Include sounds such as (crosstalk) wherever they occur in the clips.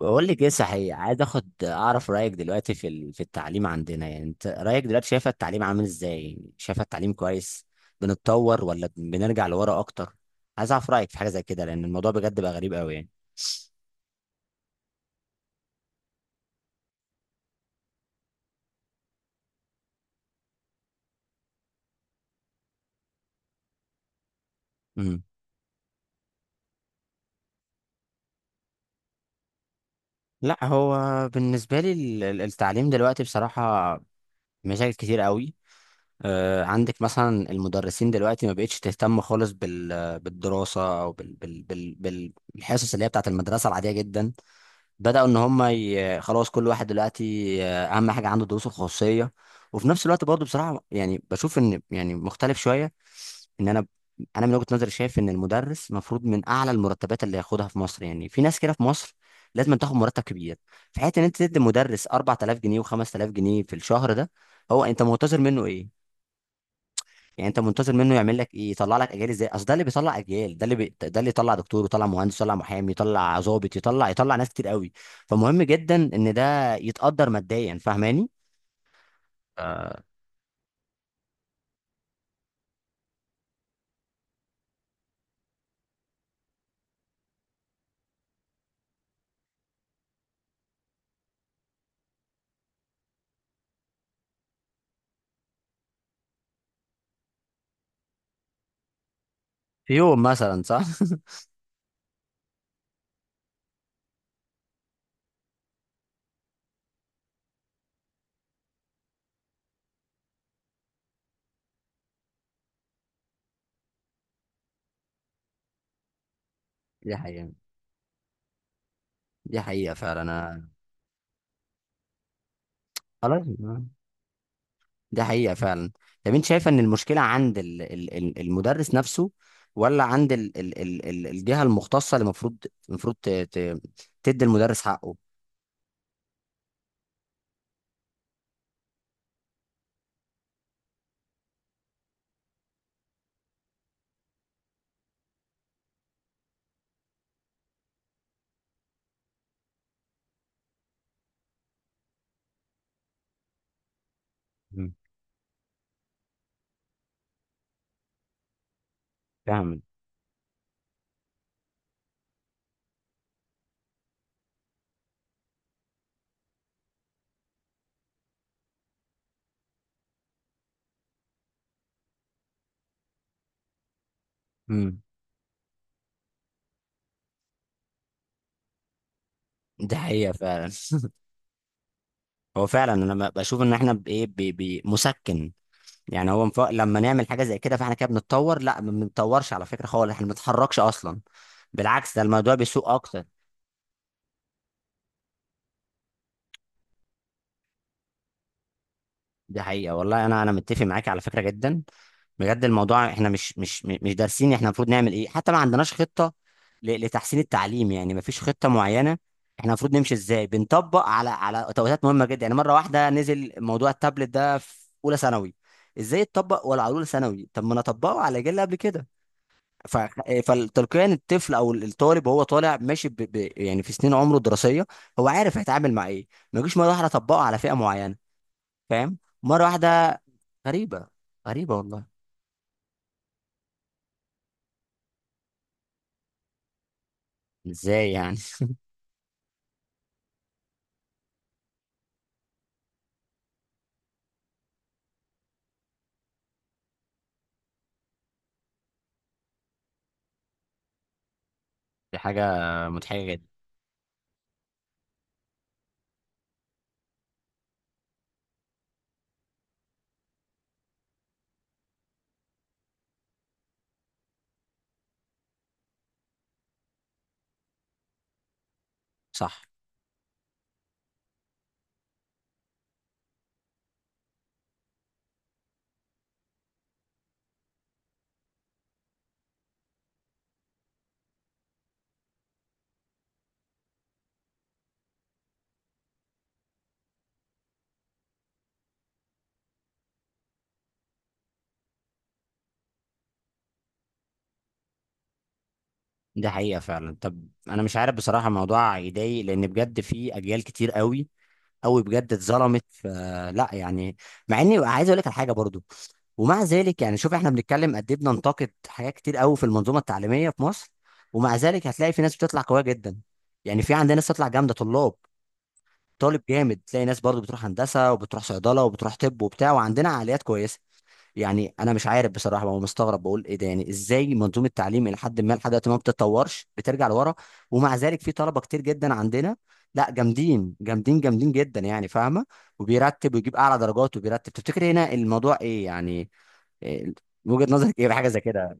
بقول لك ايه، صحيح عايز اخد اعرف رايك دلوقتي في في التعليم عندنا، يعني انت رايك دلوقتي شايفه التعليم عامل ازاي؟ يعني شايفه التعليم كويس، بنتطور ولا بنرجع لورا اكتر؟ عايز اعرف رايك في حاجه زي كده لان الموضوع بجد بقى غريب قوي يعني. امم. لا، هو بالنسبه لي التعليم دلوقتي بصراحه مشاكل كتير قوي. عندك مثلا المدرسين دلوقتي ما بقتش تهتم خالص بالدراسه، او بالحصص اللي هي بتاعت المدرسه العاديه جدا. بدأوا ان هم خلاص، كل واحد دلوقتي اهم حاجة عنده دروسه الخصوصية. وفي نفس الوقت برضه بصراحة يعني بشوف ان يعني مختلف شوية، ان انا انا من وجهة نظري شايف ان المدرس المفروض من اعلى المرتبات اللي ياخدها في مصر، يعني في ناس كده في مصر لازم تاخد مرتب كبير. في حيث ان انت تدي مدرس 4000 جنيه و5000 جنيه في الشهر، ده هو انت منتظر منه ايه؟ يعني انت منتظر منه يعمل لك ايه؟ يطلع لك اجيال ازاي؟ اصل ده اللي بيطلع اجيال، ده اللي يطلع دكتور، يطلع مهندس، يطلع محامي، يطلع ضابط، يطلع ناس كتير قوي. فمهم جدا ان ده يتقدر ماديا، فاهماني؟ آه، في يوم مثلا، صح. (laughs) دي حقيقة. دي حقيقة فعلا انا. خلاص آه. دي حقيقة فعلا. طب انت شايفة ان المشكلة عند المدرس نفسه، ولا عند الجهة المختصة اللي المفروض تدي المدرس حقه؟ مم. فاهم. مم. دي حقيقة فعلا. هو فعلا انا بشوف ان احنا بايه، مسكن. يعني هو لما نعمل حاجه زي كده، فاحنا كده بنتطور؟ لا، ما بنتطورش على فكره خالص، احنا ما بنتحركش اصلا. بالعكس، ده الموضوع بيسوء اكتر. دي حقيقة والله، أنا متفق معاك على فكرة جدا. بجد الموضوع، إحنا مش دارسين، إحنا المفروض نعمل إيه؟ حتى ما عندناش خطة لتحسين التعليم، يعني ما فيش خطة معينة إحنا المفروض نمشي إزاي. بنطبق على توقيتات مهمة جدا. يعني مرة واحدة نزل موضوع التابلت ده في أولى ثانوي، إزاي اتطبق ولا على أولى ثانوي؟ طب ما أنا أطبقه على جيل قبل كده، ف... فتلقائيا الطفل أو الطالب وهو طالع ماشي يعني في سنين عمره الدراسية، هو عارف هيتعامل مع إيه. ما يجيش مرة واحدة أطبقه على فئة معينة، فاهم؟ مرة واحدة. غريبة، غريبة والله. ازاي يعني؟ (laughs) دي حاجة مضحكة جدا. صح. دي حقيقة فعلا. طب أنا مش عارف بصراحة، الموضوع يضايق لأن بجد في أجيال كتير قوي، قوي بجد اتظلمت. لا، يعني مع إني عايز أقول لك على حاجة برضو. ومع ذلك يعني شوف احنا بنتكلم قد ايه بننتقد حاجات كتير قوي في المنظومه التعليميه في مصر، ومع ذلك هتلاقي في ناس بتطلع قويه جدا. يعني في عندنا ناس تطلع جامده، طلاب، طالب جامد. تلاقي ناس برضو بتروح هندسه، وبتروح صيدله، وبتروح طب وبتاع، وعندنا عقليات كويسه. يعني انا مش عارف بصراحه، بقى مستغرب بقول ايه ده، يعني ازاي منظومه التعليم الى حد ما لحد دلوقتي ما بتتطورش، بترجع لورا، ومع ذلك في طلبه كتير جدا عندنا، لا، جامدين، جامدين، جامدين جدا يعني، فاهمه؟ وبيرتب ويجيب اعلى درجات، وبيرتب. تفتكر هنا الموضوع ايه يعني؟ إيه وجهه نظرك ايه بحاجه زي كده؟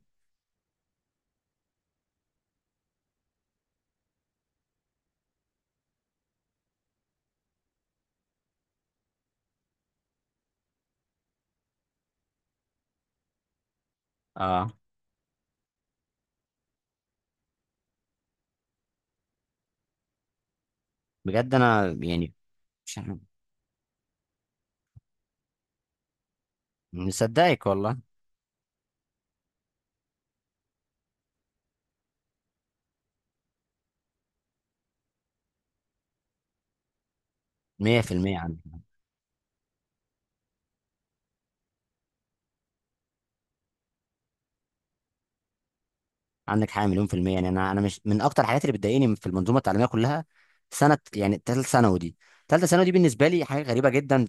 اه، بجد انا يعني مش عارف. مصدقك والله. 100% عندك. عندك حاجه مليون في الميه. يعني انا مش من اكتر الحاجات اللي بتضايقني في المنظومه التعليميه كلها، سنه يعني ثالثه ثانوي دي. ثالثه ثانوي دي بالنسبه لي حاجه غريبه جدا،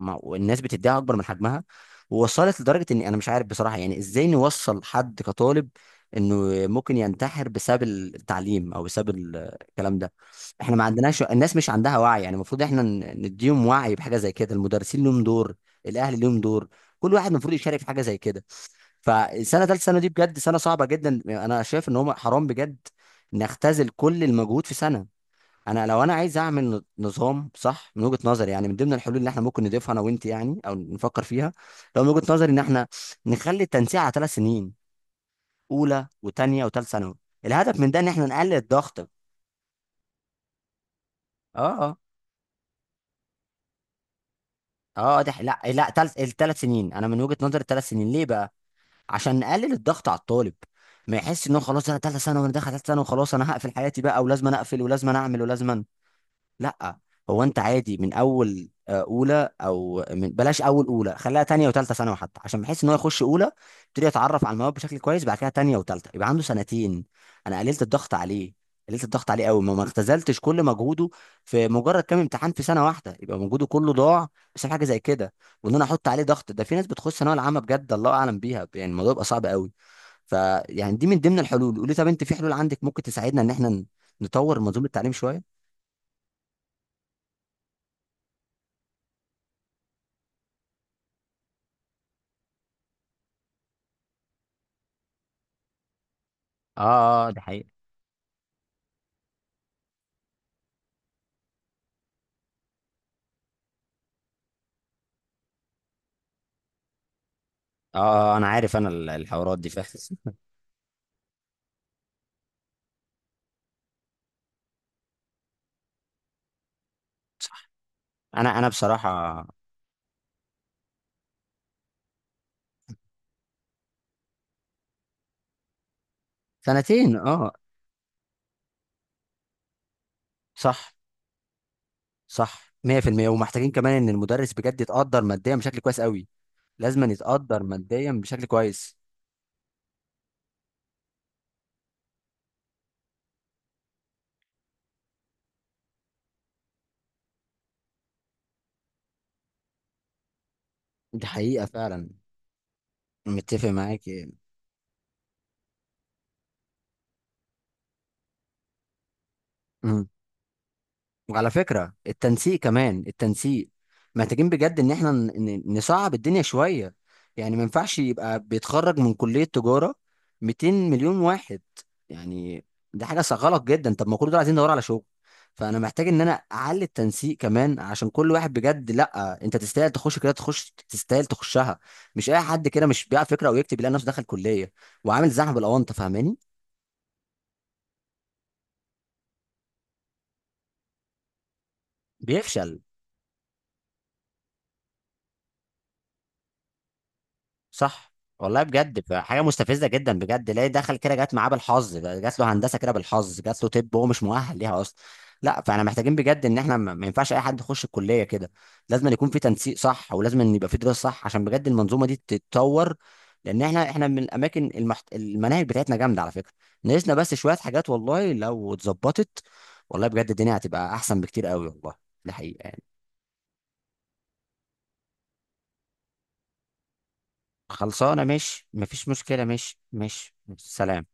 والناس بتديها اكبر من حجمها، ووصلت لدرجه اني انا مش عارف بصراحه يعني ازاي نوصل حد كطالب انه ممكن ينتحر بسبب التعليم او بسبب الكلام ده. احنا ما عندناش، الناس مش عندها وعي، يعني المفروض احنا نديهم وعي بحاجه زي كده. المدرسين لهم دور، الاهل لهم دور، كل واحد المفروض يشارك في حاجه زي كده. فالسنه، ثالث سنه دي بجد سنه صعبه جدا، انا شايف ان هم حرام بجد نختزل كل المجهود في سنه. انا لو عايز اعمل نظام صح من وجهه نظري، يعني من ضمن الحلول اللي احنا ممكن نضيفها انا وانت يعني، او نفكر فيها، لو من وجهه نظري ان احنا نخلي التنسيق على 3 سنين: اولى وثانيه وثالث ثانوي. الهدف من ده ان احنا نقلل الضغط. اه، اه، اه، ده لا لا، الثلاث سنين. انا من وجهه نظري الثلاث سنين ليه بقى؟ عشان نقلل الضغط على الطالب، ما يحس ان هو خلاص انا ثالثه ثانوي، وانا داخل ثالثه ثانوي وخلاص انا هقفل حياتي بقى، ولازم أنا اقفل، ولازم أنا اعمل، ولازم أنا. لا، هو انت عادي من اول اولى، او من بلاش اول اولى، خليها تانية وتالتة ثانوي حتى، عشان بحيث ان هو يخش اولى يبتدي يتعرف على المواد بشكل كويس، بعد كده تانية وتالتة يبقى عنده سنتين. انا قللت الضغط عليه، قللت الضغط عليه قوي، ما اختزلتش كل مجهوده في مجرد كام امتحان في سنه واحده، يبقى مجهوده كله ضاع بسبب حاجه زي كده. وان انا احط عليه ضغط، ده في ناس بتخش ثانويه العامه بجد الله اعلم بيها، يعني الموضوع يبقى صعب قوي. فيعني دي من ضمن الحلول. قولي، طب انت في حلول عندك ممكن تساعدنا ان احنا نطور منظومه التعليم شويه؟ اه، اه، ده حقيقي. اه انا عارف انا، الحوارات دي، فاهم. (laughs) انا بصراحه. سنتين، اه، صح. صح، 100%. ومحتاجين كمان ان المدرس بجد يتقدر ماديا بشكل كويس قوي. لازم يتقدر ماديا بشكل كويس. دي حقيقه فعلا، متفق معاك. وعلى فكرة التنسيق، كمان التنسيق محتاجين بجد ان احنا نصعب الدنيا شوية. يعني ما ينفعش يبقى بيتخرج من كلية تجارة 200 مليون واحد يعني، دي حاجة غلط جدا. طب ما كل دول عايزين ندور على شغل، فانا محتاج ان انا اعلي التنسيق كمان، عشان كل واحد بجد، لا انت تستاهل تخش كده، تخش تستاهل تخشها، مش اي حد كده، مش بيع فكرة او يكتب يلاقي نفسه دخل كلية وعامل زحمة بالاونطة، فاهماني؟ بيفشل. صح والله، بجد بقى حاجه مستفزه جدا بجد، ليه دخل كده؟ جت معاه بالحظ بقى، جات له هندسه كده بالحظ، جات له طب، هو مش مؤهل ليها اصلا. لا، فاحنا محتاجين بجد ان احنا ما ينفعش اي حد يخش الكليه كده. لازم أن يكون في تنسيق صح، ولازم أن يبقى في دراسه صح، عشان بجد المنظومه دي تتطور، لان احنا من الاماكن، المناهج بتاعتنا جامده على فكره، ناقصنا بس شويه حاجات. والله لو اتظبطت، والله بجد الدنيا هتبقى احسن بكتير قوي والله، ده حقيقه يعني. خلصانه، ماشي، مفيش مشكله، ماشي، ماشي، سلام.